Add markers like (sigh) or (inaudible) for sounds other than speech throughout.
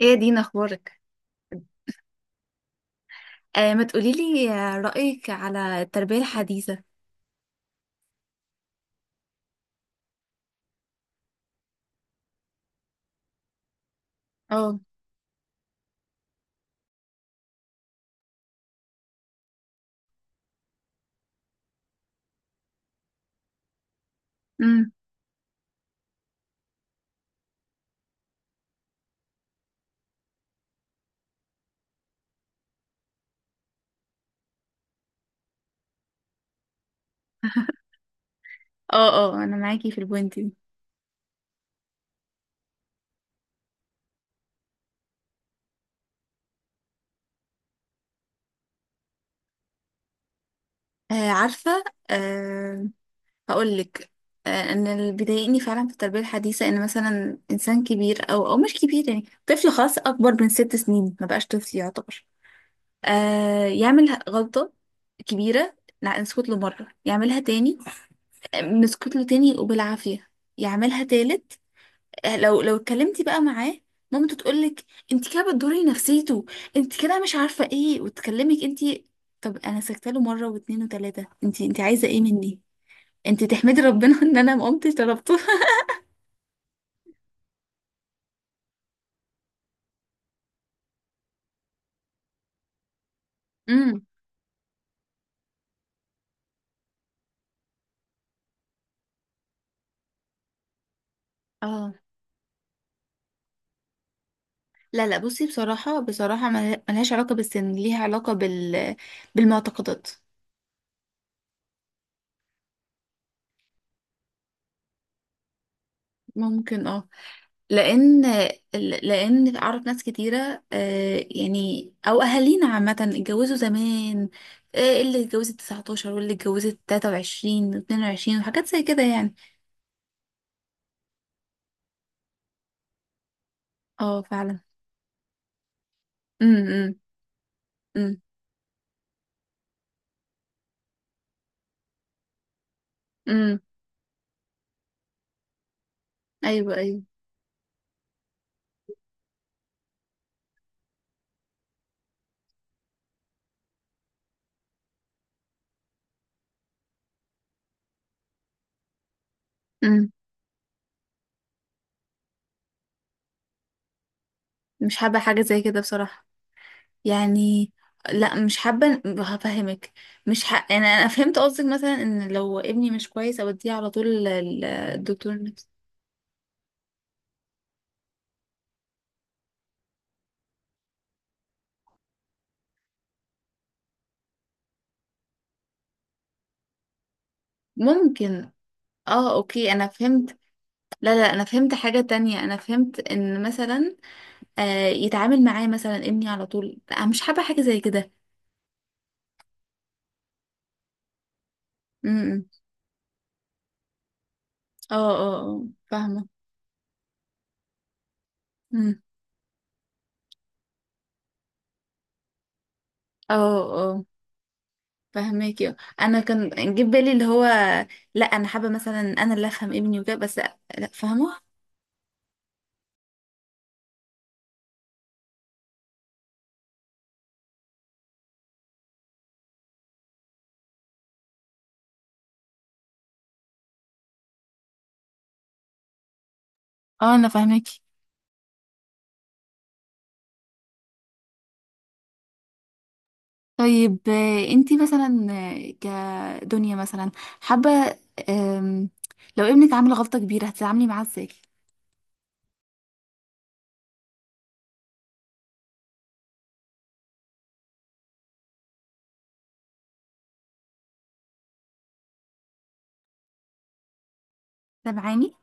ايه يا دينا اخبارك آه، ما تقوليلي، رأيك على التربية الحديثة؟ اه. امم. اه، اه، انا معاكي في البوينت دي. آه، عارفة. آه، هقولك. ان اللي بيضايقني فعلا في التربية الحديثة ان مثلا انسان كبير او مش كبير، يعني طفل خاص اكبر من 6 سنين ما بقاش طفل يعتبر. يعمل غلطة كبيرة، لا نسكت له مرة يعملها تاني، نسكت له تاني وبالعافية يعملها تالت، لو اتكلمتي بقى معاه، مامته تقولك انت كده بتضري نفسيته، انت كده مش عارفه ايه وتكلمك انت. طب انا سكت له مره واتنين وتلاته، انت عايزه ايه مني؟ انت تحمدي ربنا (laughs) ان انا ما قمتش ضربته. امم، اه. لا، لا، بصي بصراحه، بصراحه ملهاش علاقه بالسن، ليها علاقه بالمعتقدات. ممكن، اه. لان لان اعرف ناس كتيره، يعني او اهالينا عامه اتجوزوا زمان، اللي اتجوزت 19 واللي اتجوزت 23 و22 وحاجات زي كده يعني. اه، فعلا. امم، امم، امم. ايوه، ايوه. امم. مش حابه حاجه زي كده بصراحه، يعني لا مش حابه، هفهمك. مش ح... يعني انا فهمت قصدك مثلا ان لو ابني مش كويس اوديه على طول الدكتور النفسي. ممكن، اه، اوكي، انا فهمت. لا، لا، انا فهمت حاجة تانية، انا فهمت ان مثلا آه يتعامل معايا مثلا ابني على طول، لا أنا مش حابة حاجة زي كده. امم. اه، اه، اه، فاهمة. امم. اه، اه، فهماكي، اه. انا كان جه في بالي اللي هو، لا انا حابة مثلا انا اللي افهم ابني وكده، بس لا، لا، فاهمة. اه، انا فاهماكي. طيب، انتي مثلا، كدنيا مثلا، حابة، آم، لو ابنك عامل غلطة كبيرة هتتعاملي معاه ازاي؟ سامعاني؟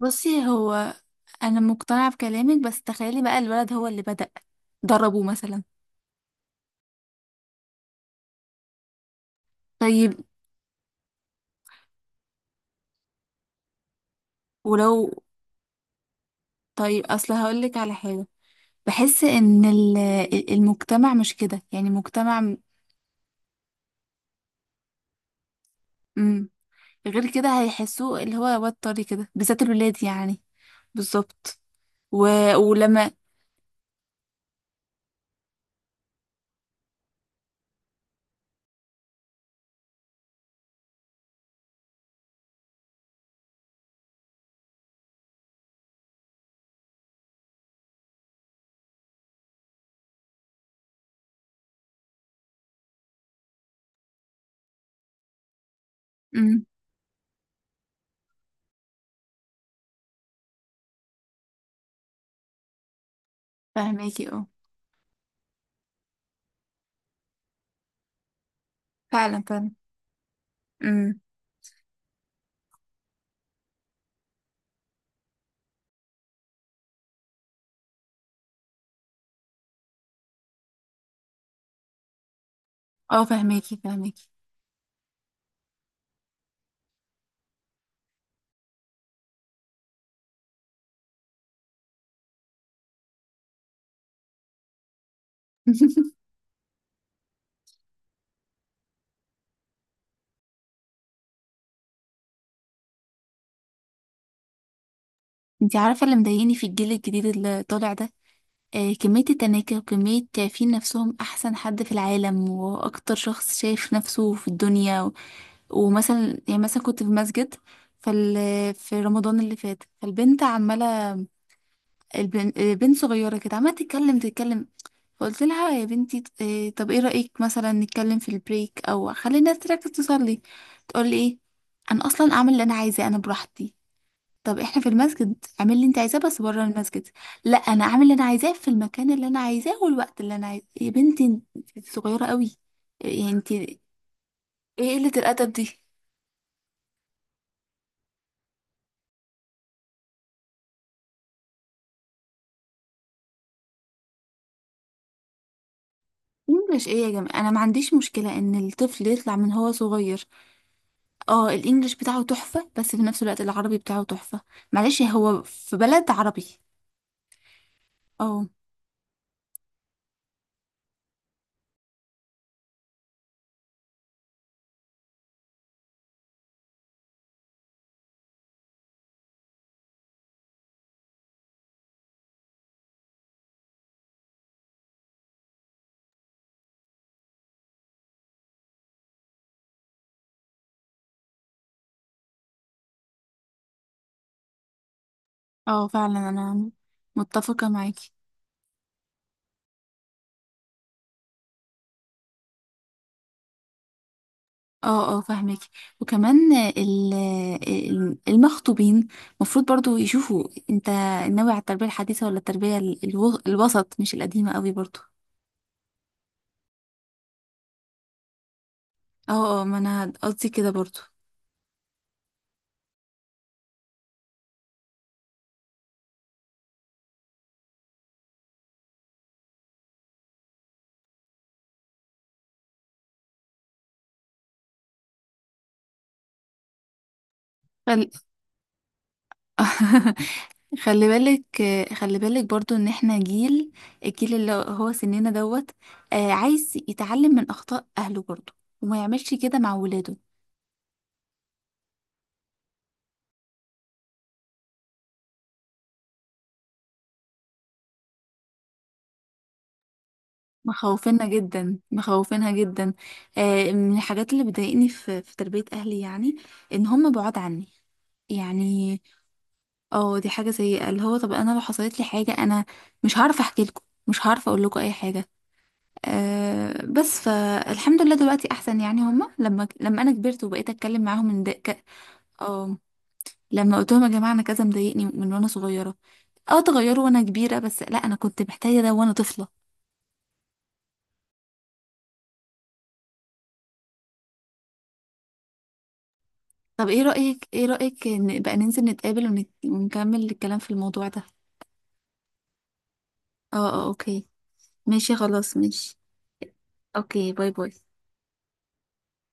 بصي هو انا مقتنعه بكلامك، بس تخيلي بقى الولد هو اللي بدأ ضربه مثلا. طيب ولو طيب، اصل هقولك على حاجه، بحس ان المجتمع مش كده، يعني مجتمع. امم. غير كده هيحسوه اللي هو واد طري كده، بالذات الولاد يعني. بالظبط. و... ولما. امم. فهماكي، اه، فعلا، فعلا. امم. اه، فهماكي، فهماكي (laughs) انتي عارفه اللي مضايقني في الجيل الجديد اللي طالع ده، كمية التناكر وكمية شايفين نفسهم أحسن حد في العالم وأكتر شخص شايف نفسه في الدنيا ومثلا، يعني مثلا كنت في مسجد، فال في رمضان اللي فات، فالبنت عمالة، البنت صغيرة كده عمالة تتكلم تتكلم. فقلت لها يا بنتي، طب ايه رأيك مثلا نتكلم في البريك أو خلي الناس تركز تصلي. تقول لي ايه؟ أنا أصلا أعمل اللي أنا عايزاه أنا براحتي. طب احنا في المسجد، اعمل اللي انت عايزاه بس بره المسجد. لا، انا اعمل اللي انا عايزاه في المكان اللي انا عايزاه والوقت اللي انا عايزاه يا بنتي، انت صغيره قوي، يعني انت. ايه قله الادب دي؟ انجلش ايه يا جماعه؟ انا ما عنديش مشكله ان الطفل يطلع من هو صغير، اه الانجليش بتاعه تحفه، بس في نفس الوقت العربي بتاعه تحفه، معلش هو في بلد عربي. اه، اه، فعلا، انا متفقه معاكي. اه، اه، فاهمك. وكمان المخطوبين المفروض برضو يشوفوا انت ناوي على التربية الحديثة ولا التربية الوسط، مش القديمة قوي برضو. اه، اه، ما انا قصدي كده برضو. خل... (laughs) خلي بالك، خلي بالك برضو ان احنا جيل، الجيل اللي هو سننا دوت، عايز يتعلم من اخطاء اهله برضو وما يعملش كده مع ولاده. مخوفينها جدا، مخوفينها جدا. من الحاجات اللي بتضايقني في تربية أهلي، يعني إن هم بعاد عني، يعني. اه، دي حاجة سيئة، اللي هو طب أنا لو حصلت لي حاجة، أنا مش هعرف أحكي لكم، مش هعرف أقول لكم أي حاجة. أه، بس فالحمد لله دلوقتي أحسن، يعني هم لما أنا كبرت وبقيت أتكلم معاهم من دق. اه، لما قلت لهم يا جماعة أنا كذا مضايقني من وأنا صغيرة، اه اتغيروا وأنا كبيرة، بس لأ أنا كنت محتاجة ده وأنا طفلة. طب ايه رأيك، إن بقى ننزل نتقابل ونكمل الكلام في الموضوع ده؟ اه، اه، اوكي، ماشي، خلاص، ماشي. اوكي، باي باي.